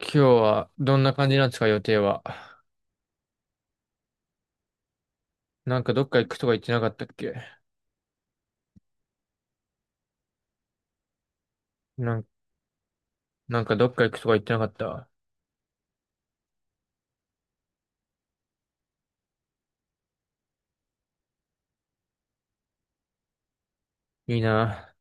今日はどんな感じなんですか、予定は。なんかどっか行くとか言ってなかったっけなん、なんかどっか行くとか言ってなかった。いいな。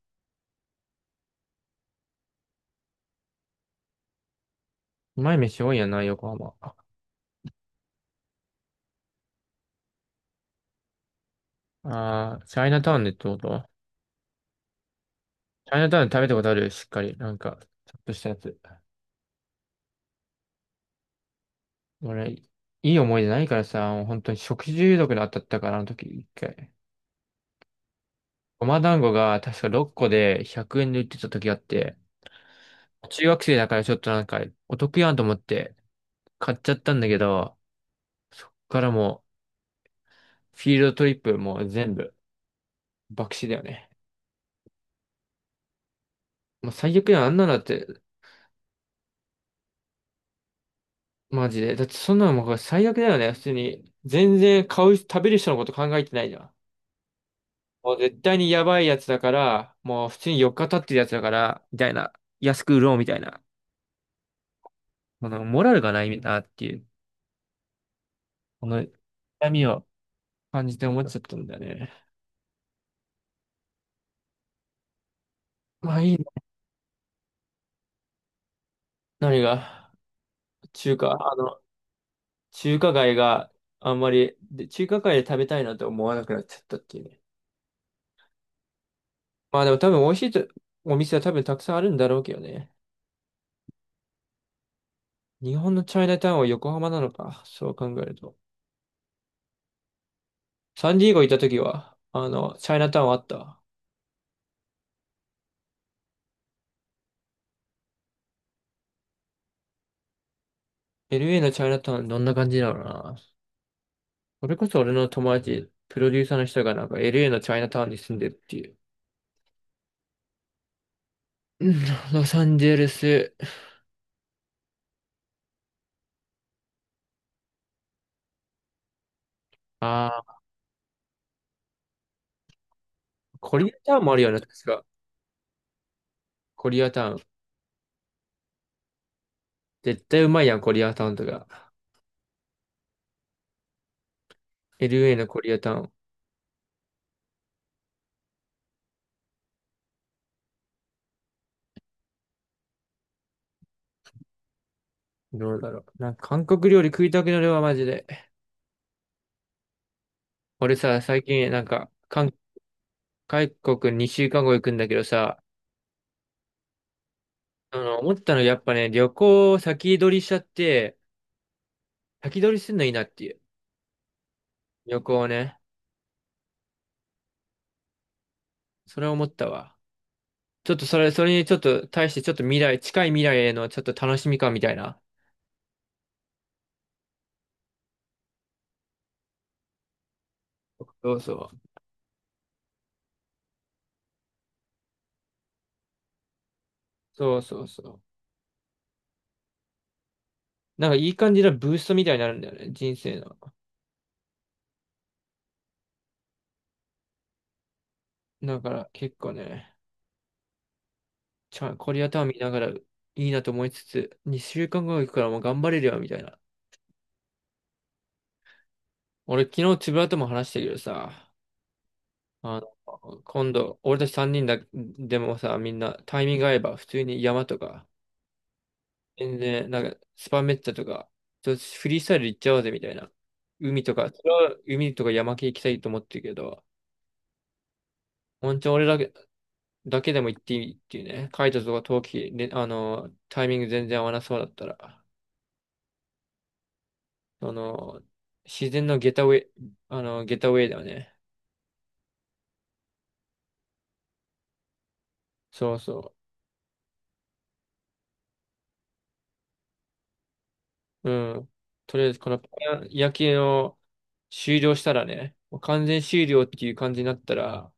うまい飯多いやな、横浜。あー、チャイナタウンでってこと。チャイナタウンで食べたことあるしっかり。ちょっとしたやつ。俺、いい思い出ないからさ、もう本当に食中毒で当たったから、あの時、一回。ごま団子が確か6個で100円で売ってた時あって、中学生だからちょっとお得やんと思って買っちゃったんだけど、そっからもフィールドトリップもう全部、爆死だよね。もう最悪だよ、あんなのだって、マジで。だってそんなのもう最悪だよね、普通に。全然買う、食べる人のこと考えてないじゃん。もう絶対にやばいやつだから、もう普通に4日経ってるやつだから、みたいな。安く売ろうみたいな。このモラルがないなっていう、この痛みを感じて思っちゃったんだよね。まあいいの。何が、中華、あの、中華街があんまり、で、中華街で食べたいなと思わなくなっちゃったっていうね。まあでも多分美味しいとお店は多分たくさんあるんだろうけどね。日本のチャイナタウンは横浜なのか。そう考えると。サンディエゴ行った時は、チャイナタウンあった。LA のチャイナタウンどんな感じだろうな。それこそ俺の友達、プロデューサーの人がなんか LA のチャイナタウンに住んでるっていう。うん。ロサンゼルス。ああ、コリアタウンもあるよね、確か。コリアタウン。絶対うまいやん、コリアタウンとか。LA のコリアタウン。どうだろう。なんか韓国料理食いたくなるわ、マジで。俺さ、最近なんか、韓韓国2週間後行くんだけどさ、思ったのやっぱね、旅行を先取りしちゃって、先取りすんのいいなっていう。旅行をね。それを思ったわ。ちょっとそれ、それにちょっと対してちょっと近い未来へのちょっと楽しみ感みたいな。そうそう。そうそうそう。なんかいい感じのブーストみたいになるんだよね、人生の。だから結構ね、ちゃん、コリアタウン見ながらいいなと思いつつ、2週間後行くからもう頑張れるよ、みたいな。俺昨日つぶらとも話したけどさ、あの、今度、俺たち3人だ、でもさ、みんなタイミング合えば、普通に山とか、全然、なんか、スパメッツァとか、ちょっとフリースタイル行っちゃおうぜ、みたいな。海とか、それは海とか山系行きたいと思ってるけど、本当に俺だけ、だけでも行っていいっていうね、カイトとか陶器、ね、あの、タイミング全然合わなそうだったら、その、自然のゲタウェイだよね。そうそう。うん。とりあえず、このパン夜景を終了したらね、もう完全終了っていう感じになったら、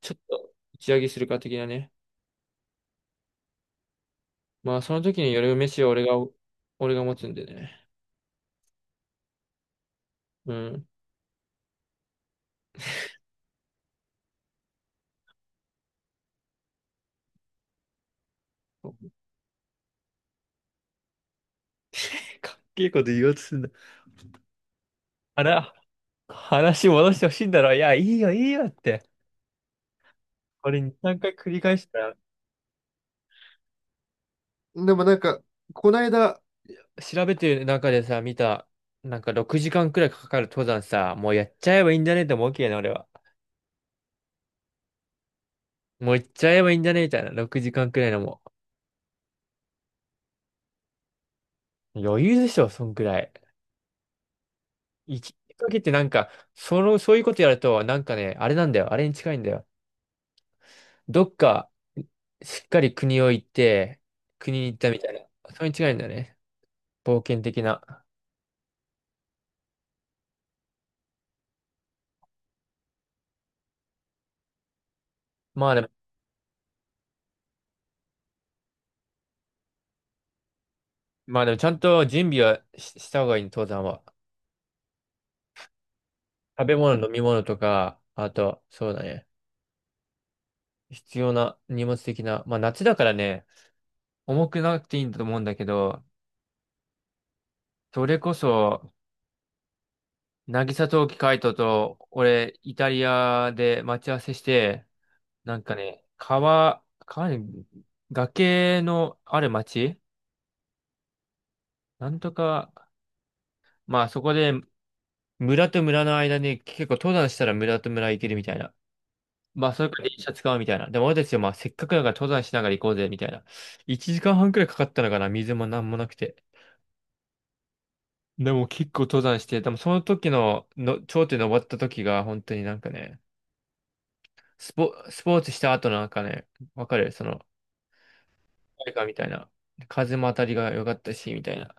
ちょっと打ち上げするか的なね。まあ、その時に夜飯は俺が、俺が持つんでね。うん。かっけえことだ。あら、話戻してほしいんだろ。いや、いいよ、いいよって。これ2、3回繰り返したら。でもなんか、こないだ調べてる中でさ、見た、なんか6時間くらいかかる登山さ、もうやっちゃえばいいんじゃねって思うけどね、俺は。もう行っちゃえばいいんじゃねみたいな。6時間くらいのもう。余裕でしょ、そんくらい。行きかけてなんか、そういうことやると、なんかね、あれなんだよ。あれに近いんだよ。どっか、しっかり国に行ったみたいな。それに違いんだよね。冒険的な。まあでも、まあでもちゃんと準備はし、した方がいい、登山は。食べ物、飲み物とか、あと、そうだね。必要な荷物的な。まあ夏だからね、重くなくていいんだと思うんだけど、それこそ、渚冬季海斗と、俺、イタリアで待ち合わせして、なんかね、川に、崖のある町なんとか、まあそこで、村と村の間に結構登山したら村と村行けるみたいな。まあそれから電車使うみたいな。でも俺たちはまあせっかくだから登山しながら行こうぜみたいな。1時間半くらいかかったのかな、水もなんもなくて。でも結構登山して、でもその時の頂点登った時が本当になんかね、スポーツした後のなんかね、わかるその、誰かみたいな。風も当たりが良かったし、みたいな。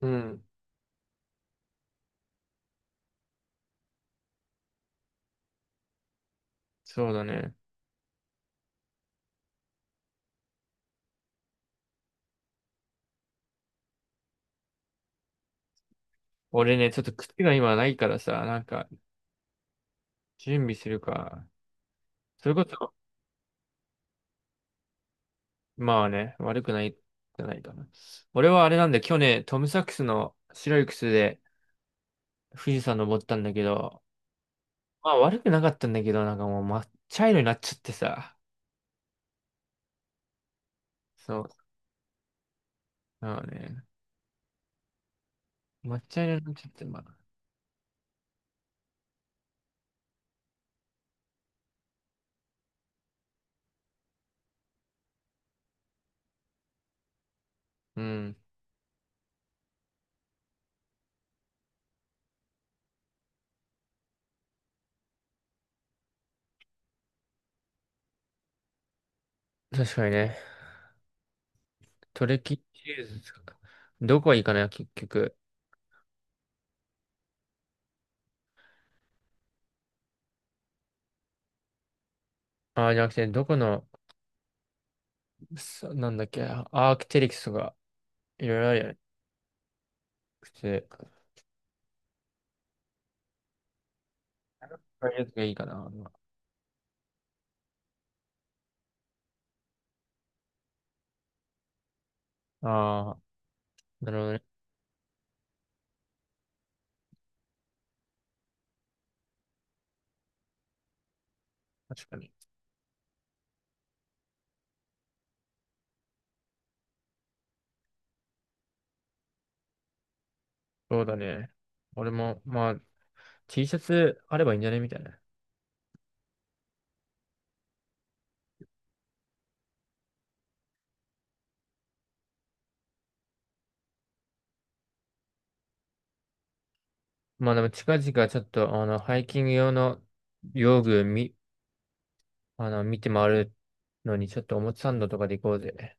うん。そうだね。俺ね、ちょっと靴が今ないからさ、なんか、準備するか。それこそ、まあね、悪くないじゃないかな。俺はあれなんだよ、去年、トムサックスの白い靴で富士山登ったんだけど、まあ悪くなかったんだけど、なんかもう抹茶色になっちゃってさ。そう。まあね、抹茶色になっちゃって、まあ。うん。確かにね。トレキシリーズですか。どこがいいかな結局。ああ、じゃなくて、どこの、そなんだっけ、アークテリクスとか、いろいろあるよね。くて、ああいうやつがいいかな。ああ、なるほどね。確かに。そうだね。俺も、まあ、T シャツあればいいんじゃねみたいな。まあでも近々ちょっと、あの、ハイキング用の用具み、あの、見て回るのに、ちょっとおもちサンドとかで行こうぜ。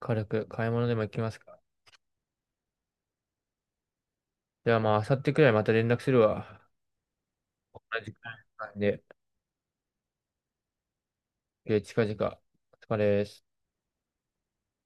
軽く買い物でも行きますか。ではまあ、明後日くらいまた連絡するわ。同じくらいの時間で、えー近々、お疲れです。